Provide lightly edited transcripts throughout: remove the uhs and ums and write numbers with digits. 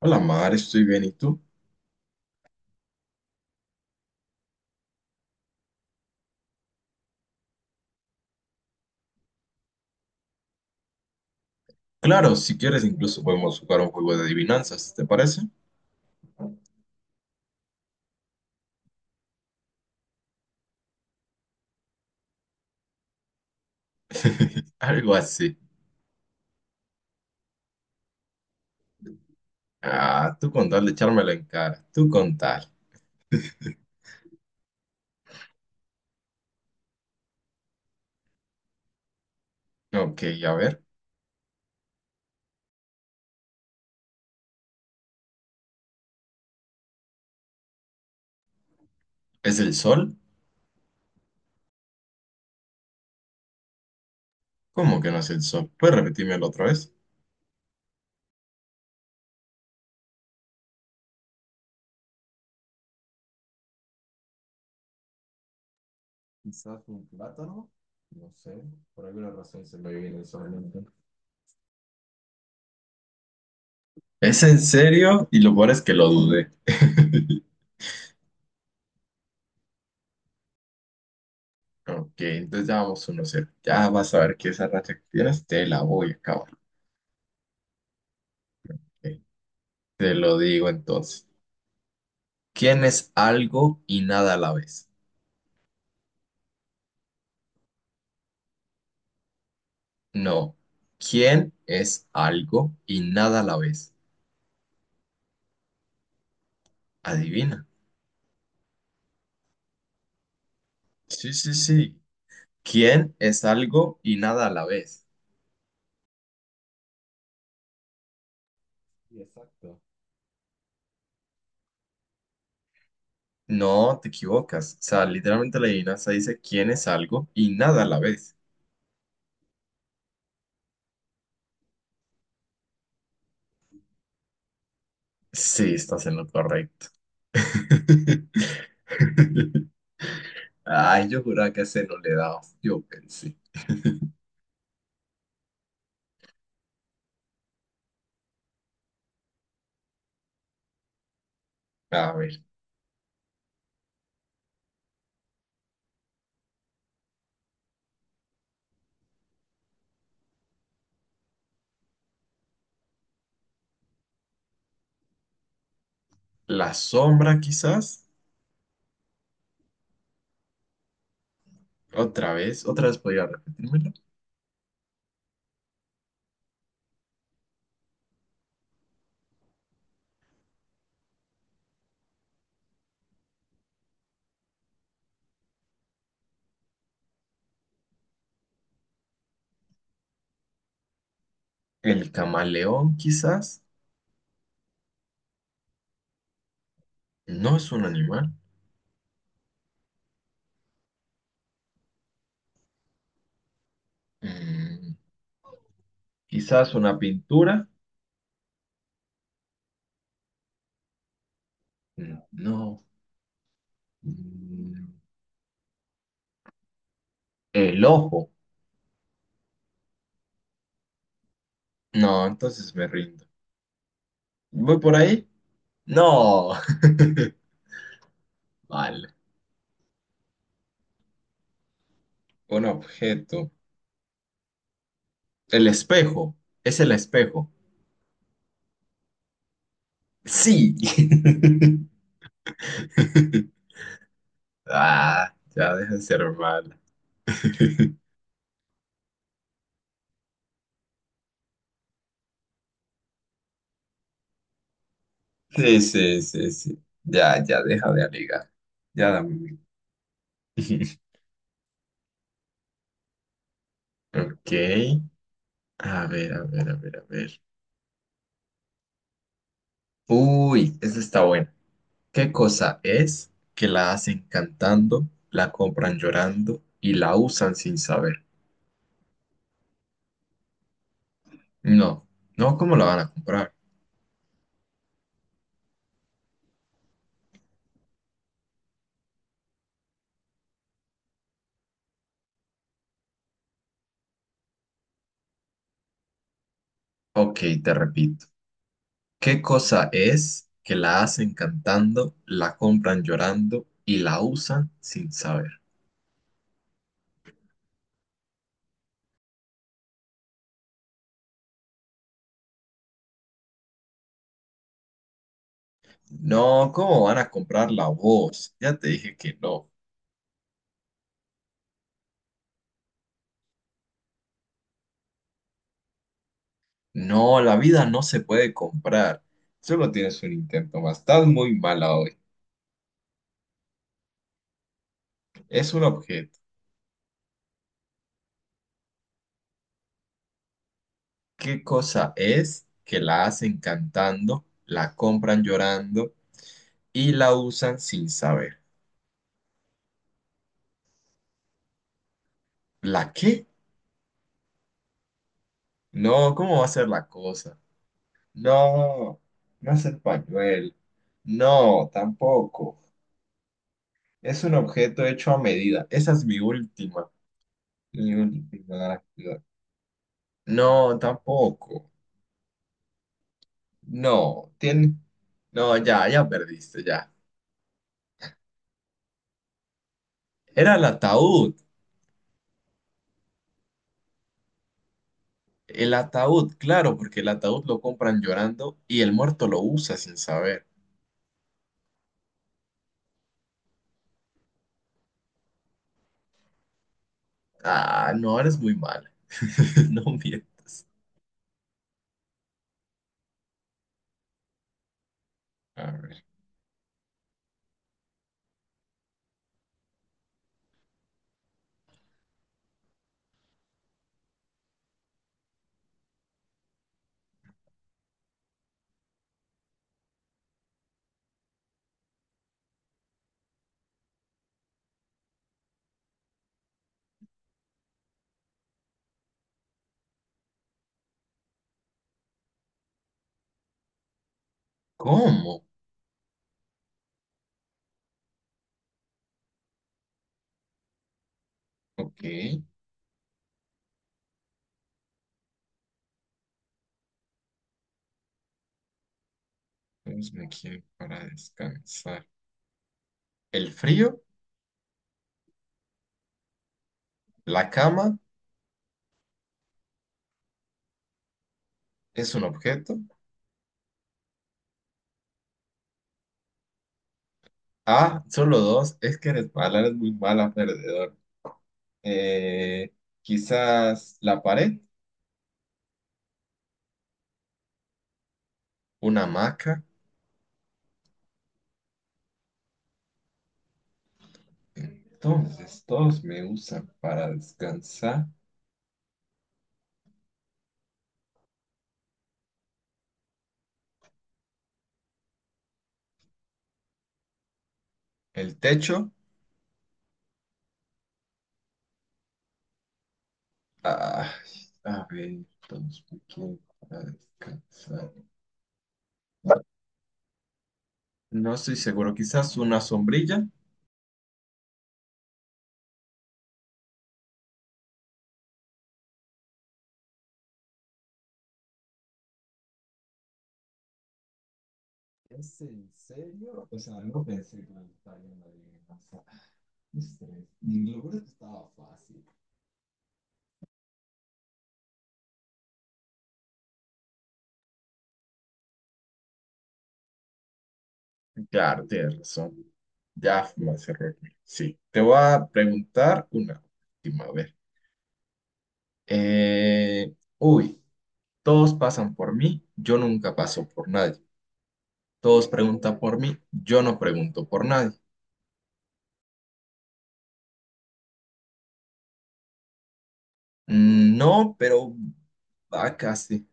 Hola Mar, estoy bien, ¿y tú? Claro, si quieres incluso podemos jugar un juego de adivinanzas, ¿te parece? Algo así. Ah, tú con tal de echármela en cara, tú con tal. Ok, a ver, ¿es el sol? ¿Cómo que no es el sol? ¿Puedes repetírmelo otra vez? Quizás un plátano, no sé, por alguna razón se me viene eso a la mente. ¿Es en serio? Y lo peor es que lo dudé. Ok, entonces ya vamos uno cero. Ya vas a ver que esa racha que tienes te la voy a acabar. Ok, te lo digo entonces. ¿Quién es algo y nada a la vez? No. ¿Quién es algo y nada a la vez? Adivina. Sí, sí, sí. ¿Quién es algo y nada a la vez? Sí, exacto. No, te equivocas. O sea, literalmente la adivinanza dice quién es algo y nada a la vez. Sí, estás en lo correcto. Ay, yo juraba que ese no le daba. Yo pensé. A ver, la sombra quizás. Otra vez podría repetirme. El camaleón quizás no es un animal. Mm, quizás una pintura. Mm, no. Mm, el ojo. No, entonces me rindo. ¿Voy por ahí? No. Vale. Un objeto. El espejo. Es el espejo. Sí. Ah, ya deja de ser mal. Sí, sí, sí, sí. Ya, ya deja de alegar. Ya dame. Ok. A ver. Uy, esa está buena. ¿Qué cosa es que la hacen cantando, la compran llorando y la usan sin saber? No, no, ¿cómo la van a comprar? Ok, te repito. ¿Qué cosa es que la hacen cantando, la compran llorando y la usan sin saber? No, ¿cómo van a comprar la voz? Ya te dije que no. No, la vida no se puede comprar. Solo tienes un intento más. Estás muy mala hoy. Es un objeto. ¿Qué cosa es que la hacen cantando, la compran llorando y la usan sin saber? ¿La qué? No, ¿cómo va a ser la cosa? No, no es el pañuelo. No, tampoco. Es un objeto hecho a medida. Esa es mi última. Mi última. No, tampoco. No, tiene. No, ya, ya perdiste, ya. Era el ataúd. El ataúd, claro, porque el ataúd lo compran llorando y el muerto lo usa sin saber. Ah, no, eres muy mala. No mientas. A ver. ¿Cómo? Ok. Entonces me quiero para descansar. ¿El frío? ¿La cama? ¿Es un objeto? Ah, solo dos. Es que eres mala, eres muy mala perdedor. Eh, Quizás la pared, una hamaca. Entonces todos me usan para descansar. El techo. Ay, a ver, entonces, ¿por quién para descansar? No estoy seguro, quizás una sombrilla. ¿Es en serio? O sea, no pensé que me estaría en la adivinanza. Qué estrés. Y lo bueno es que estaba fácil. Claro, tienes razón. Ya fue más error. Sí, te voy a preguntar una última. A ver. Eh, uy, Todos pasan por mí, yo nunca paso por nadie. Todos preguntan por mí, yo no pregunto por nadie. Mm, no, pero va casi.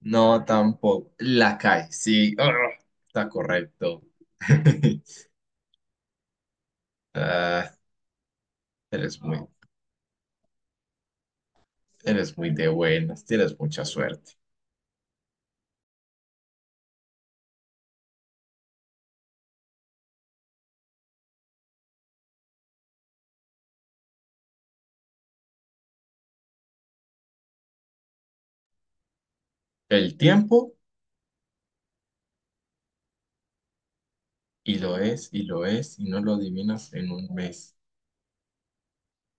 No, tampoco. La cae, sí. Ah, está correcto. Ah, eres muy, eres muy de buenas, tienes mucha suerte. El tiempo, y lo es, y lo es, y no lo adivinas en un mes.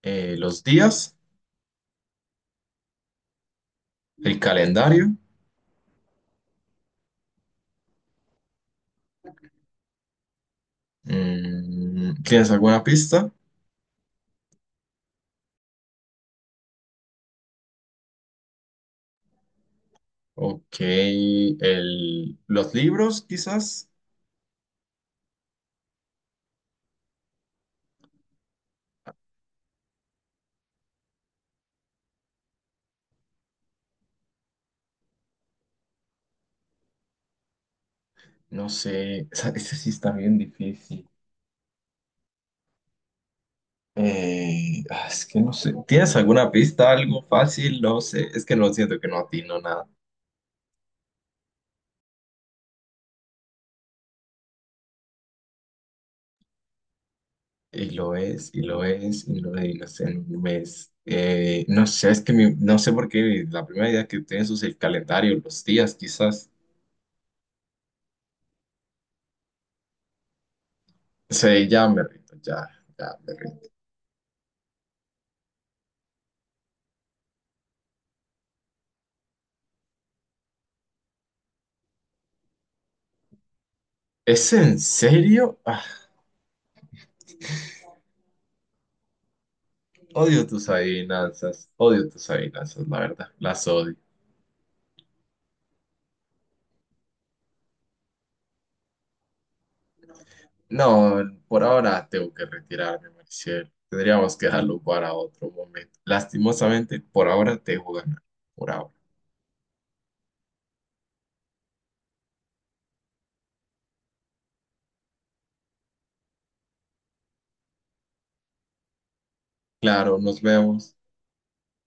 Los días, el calendario. Mm, ¿tienes alguna pista? Ok, el, los libros, quizás. No sé, esa sí está bien difícil. Es que no sé. ¿Tienes alguna pista, algo fácil? No sé. Es que no siento que no atino nada. Y lo es, y lo es, y lo es, y no sé, en un mes. No sé, es que no sé por qué la primera idea que tienes es el calendario, los días, quizás. Sí, ya me rindo, ya, ya me rindo. ¿Es en serio? Ah, odio tus adivinanzas, la verdad, las odio. No, por ahora tengo que retirarme, Mariciel. Tendríamos que dejarlo para otro momento. Lastimosamente, por ahora te dejo ganar. Por ahora. Claro, nos vemos.